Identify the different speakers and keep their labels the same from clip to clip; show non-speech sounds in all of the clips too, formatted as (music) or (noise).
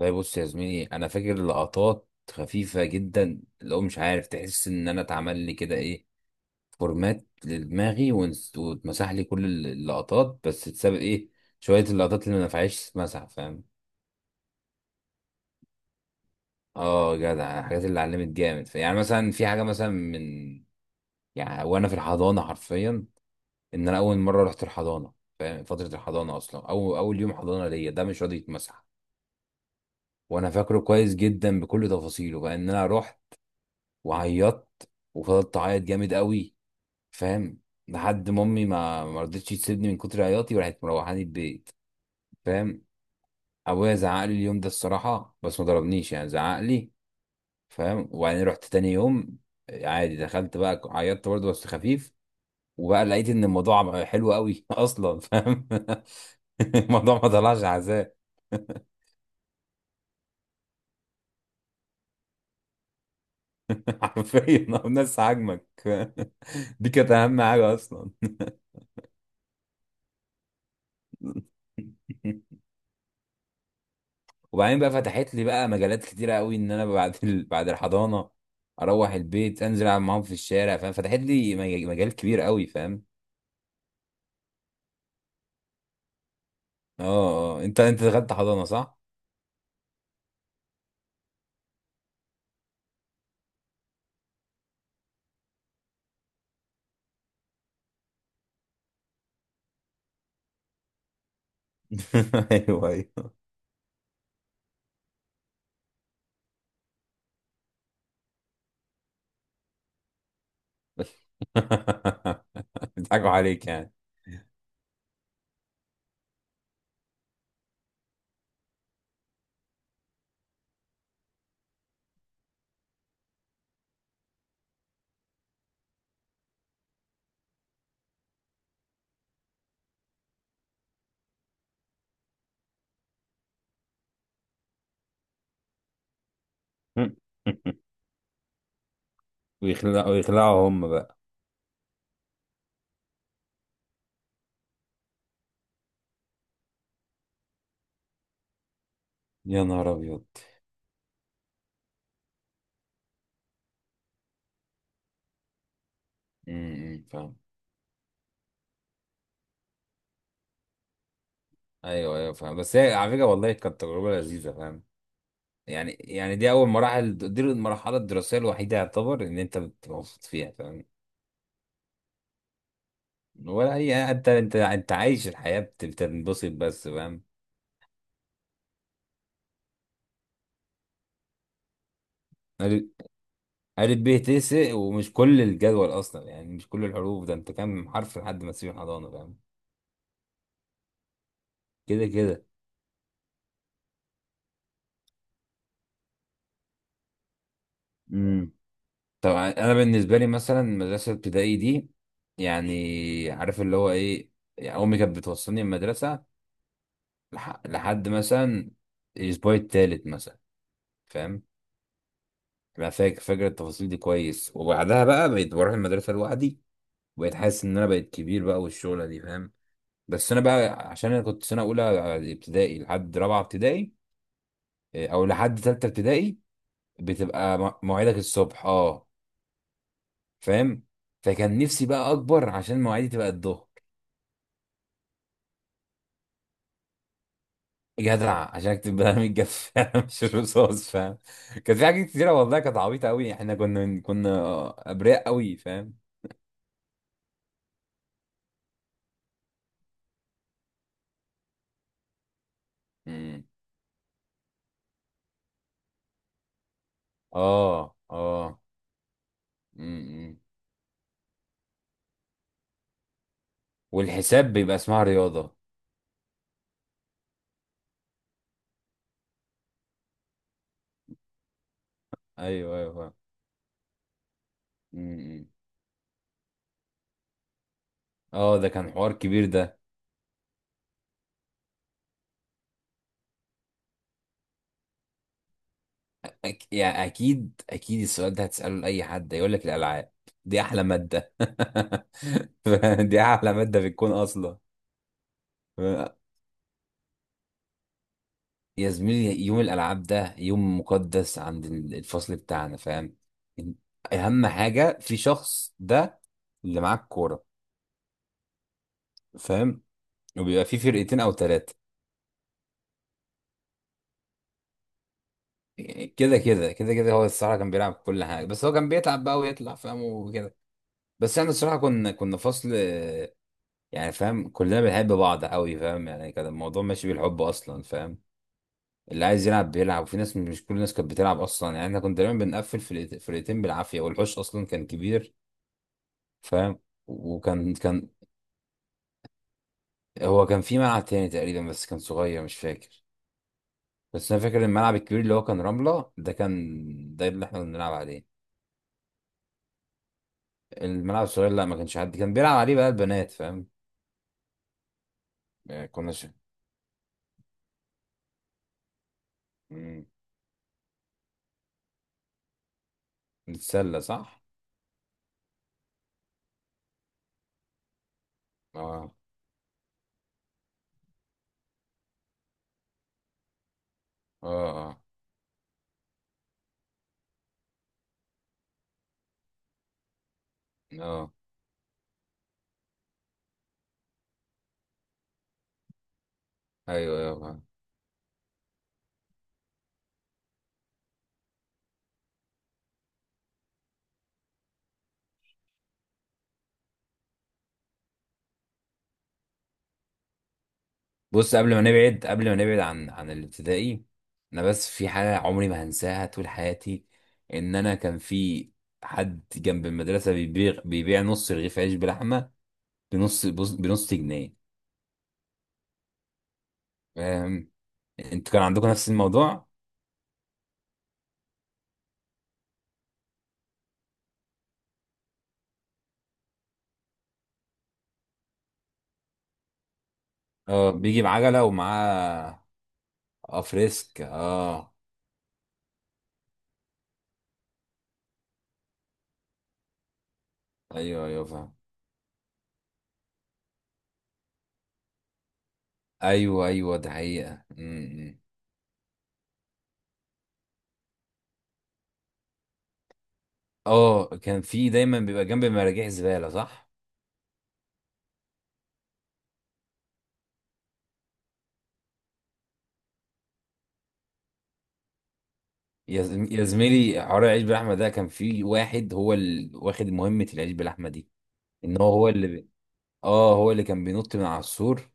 Speaker 1: لا، بص يا زميلي، انا فاكر لقطات خفيفه جدا، اللي هو مش عارف، تحس ان انا اتعمل لي كده ايه، فورمات لدماغي، واتمسح لي كل اللقطات، بس اتساب ايه، شويه اللقطات اللي ما نفعتش تتمسح، فاهم؟ اه جدع، الحاجات اللي علمت جامد، يعني مثلا في حاجه، مثلا من، يعني وانا في الحضانه، حرفيا ان انا اول مره رحت الحضانه، فاهم؟ فتره الحضانه اصلا، او اول يوم حضانه ليا ده مش راضي يتمسح. وانا فاكره كويس جدا بكل تفاصيله، بقى ان انا رحت وعيطت وفضلت اعيط جامد قوي، فاهم؟ لحد ما امي ما رضتش تسيبني من كتر عياطي، وراحت مروحاني البيت، فاهم؟ ابويا زعق لي اليوم ده الصراحه، بس ما ضربنيش، يعني زعق لي، فاهم؟ وبعدين رحت تاني يوم عادي، دخلت بقى عيطت برضه بس خفيف، وبقى لقيت ان الموضوع بقى حلو قوي (laughs) اصلا، فاهم؟ (laughs) الموضوع ما طلعش عذاب. (laughs) حرفيا الناس عاجمك. (laughs) دي كانت اهم حاجه اصلا. (laughs) وبعدين بقى فتحت لي بقى مجالات كتيره قوي، ان انا بعد (laughs) بعد الحضانه اروح البيت، انزل العب معاهم في الشارع، فاهم؟ فتحت لي مجال كبير قوي، فاهم؟ اه اه، انت دخلت حضانه صح؟ (laughs) ايوه ايوه. (laughs) بيضحكوا عليك يعني. (laughs) ويخلعوا ويخلعوا هم بقى. يا نهار ابيض. فاهم. ايوه ايوه فاهم، بس هي على فكره والله كانت تجربه لذيذه، فاهم؟ يعني دي اول مراحل، دي المرحله الدراسيه الوحيده يعتبر ان انت بتبقى مبسوط فيها، فاهم؟ ولا اي، انت عايش الحياه، بتنبسط بس، فاهم؟ قال- قالت به تسق، ومش كل الجدول اصلا، يعني مش كل الحروف، ده انت كام حرف لحد ما تسيب الحضانه، فاهم؟ كده كده. امم طبعا انا بالنسبه لي مثلا، مدرسه ابتدائي دي، يعني عارف اللي هو ايه، يعني امي كانت بتوصلني المدرسه، لحد مثلا الاسبوع التالت مثلا، فاهم؟ انا فاكر التفاصيل دي كويس، وبعدها بقى بقيت بروح المدرسه لوحدي، وبقيت حاسس ان انا بقيت كبير بقى، والشغله دي، فاهم؟ بس انا بقى عشان انا كنت سنه اولى ابتدائي لحد رابعه ابتدائي، إيه، او لحد ثالثه ابتدائي. بتبقى مواعيدك الصبح، اه فاهم، فكان نفسي بقى اكبر عشان مواعيدي تبقى الظهر. جدع، عشان اكتب بقى الجف (laughs) مش الرصاص، فاهم؟ كان في حاجات كتيره والله كانت عبيطه قوي، احنا كنا ابرياء قوي، فاهم؟ مم. اه اه. مم. والحساب بيبقى اسمها رياضه. ايوه ايوه فاهم. مم. اه ده كان حوار كبير ده. يعني اكيد اكيد، السؤال ده هتساله لاي حد يقول لك الالعاب دي احلى ماده. (laughs) دي احلى ماده في الكون اصلا. ف- يا زميلي، يوم الالعاب ده يوم مقدس عند الفصل بتاعنا، فاهم؟ اهم حاجه في شخص ده اللي معاه الكوره، فاهم؟ وبيبقى في فرقتين او ثلاثه. كده كده كده كده، هو الصراحه كان بيلعب كل حاجه، بس هو كان بيتعب بقى ويطلع، فاهم وكده. بس احنا الصراحه كنا فصل، يعني فاهم، كلنا بنحب بعض قوي، فاهم؟ يعني كان الموضوع ماشي بالحب اصلا، فاهم؟ اللي عايز يلعب بيلعب، وفي ناس مش كل الناس كانت بتلعب اصلا، يعني احنا كنا دايما بنقفل فرقتين بالعافيه، والحوش اصلا كان كبير، فاهم؟ وكان. هو كان في ملعب تاني تقريبا، بس كان صغير مش فاكر، بس انا فاكر الملعب الكبير اللي هو كان رمله ده، كان ده اللي احنا كنا بنلعب عليه. الملعب الصغير لا، ما كانش حد كان بيلعب عليه بقى البنات، فاهم؟ يعني كنا مم. نتسلى صح. اه اه اه اه. ايوه ايوه. بص، قبل ما نبعد عن الابتدائي، انا بس في حاجه عمري ما هنساها طول حياتي، ان انا كان في حد جنب المدرسه بيبيع نص رغيف عيش بلحمه بنص بنص جنيه، فاهم؟ انتوا كان عندكم نفس الموضوع؟ اه بيجي بعجله ومعاه، اه فريسك اه. ايوه ايوه فاهم. ايوه ايوه ده حقيقه م. اه كان في دايما بيبقى جنب مراجيح زباله، صح. يا زميلي، حوار العيش باللحمه ده، كان في واحد هو اللي واخد مهمه العيش باللحمه دي. ان هو اللي اه هو اللي كان بينط من على السور،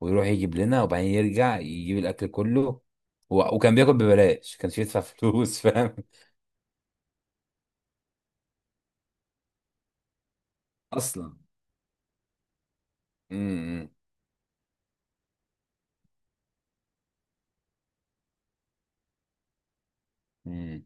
Speaker 1: ويروح يجيب لنا، وبعدين يرجع يجيب الاكل كله، وكان بياكل ببلاش، كانش يدفع فلوس، (laughs) فاهم اصلا. امم امم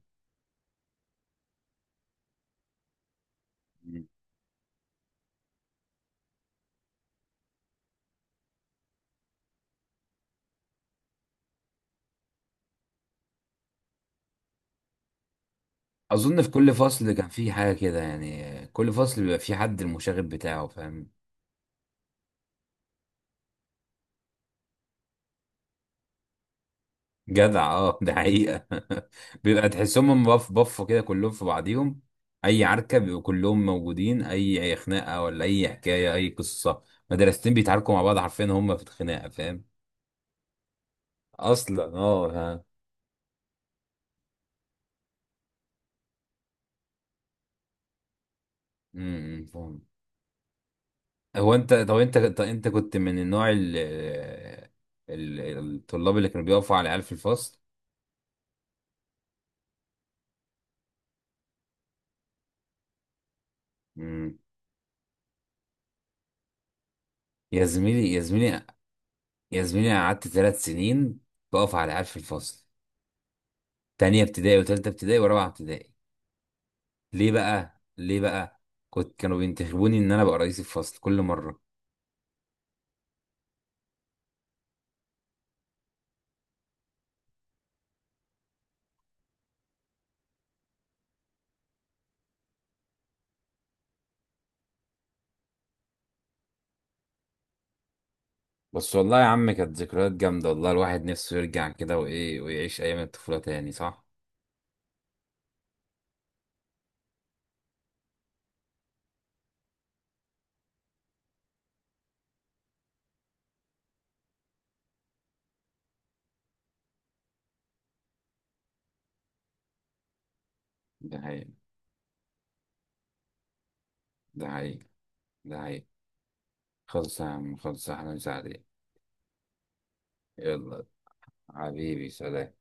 Speaker 1: اظن في كل فصل كان في حاجه كده، يعني كل فصل بيبقى في حد المشاغب بتاعه، فاهم؟ جدع اه، ده حقيقة. (laughs) بيبقى تحسهم هم بفوا كده كلهم في بعضيهم. اي عركة بيبقوا كلهم موجودين، اي خناقة، ولا اي حكاية، اي قصة، مدرستين بيتعاركوا مع بعض حرفيا هم في الخناقة، فاهم؟ اصلا اه ها. فاهم. هو انت، طب انت، طب انت كنت من النوع الطلاب اللي كانوا بيقفوا على العيال في الفصل؟ امم. يا زميلي يا زميلي يا زميلي، أنا قعدت 3 سنين بقف على العيال في الفصل، تانية ابتدائي وتالتة ابتدائي ورابعة ابتدائي. ليه بقى ليه بقى؟ كانوا بينتخبوني ان انا ابقى رئيس الفصل كل مره. بس والله يا عم، كانت ذكريات جامده، والله الواحد نفسه يرجع كده، وايه، ويعيش ايام الطفوله تاني، صح. ده حقيقي، ده حقيقي، ده حقيقي. خلص يا عم، خلص يا احمد سعد. يلا حبيبي، سلام.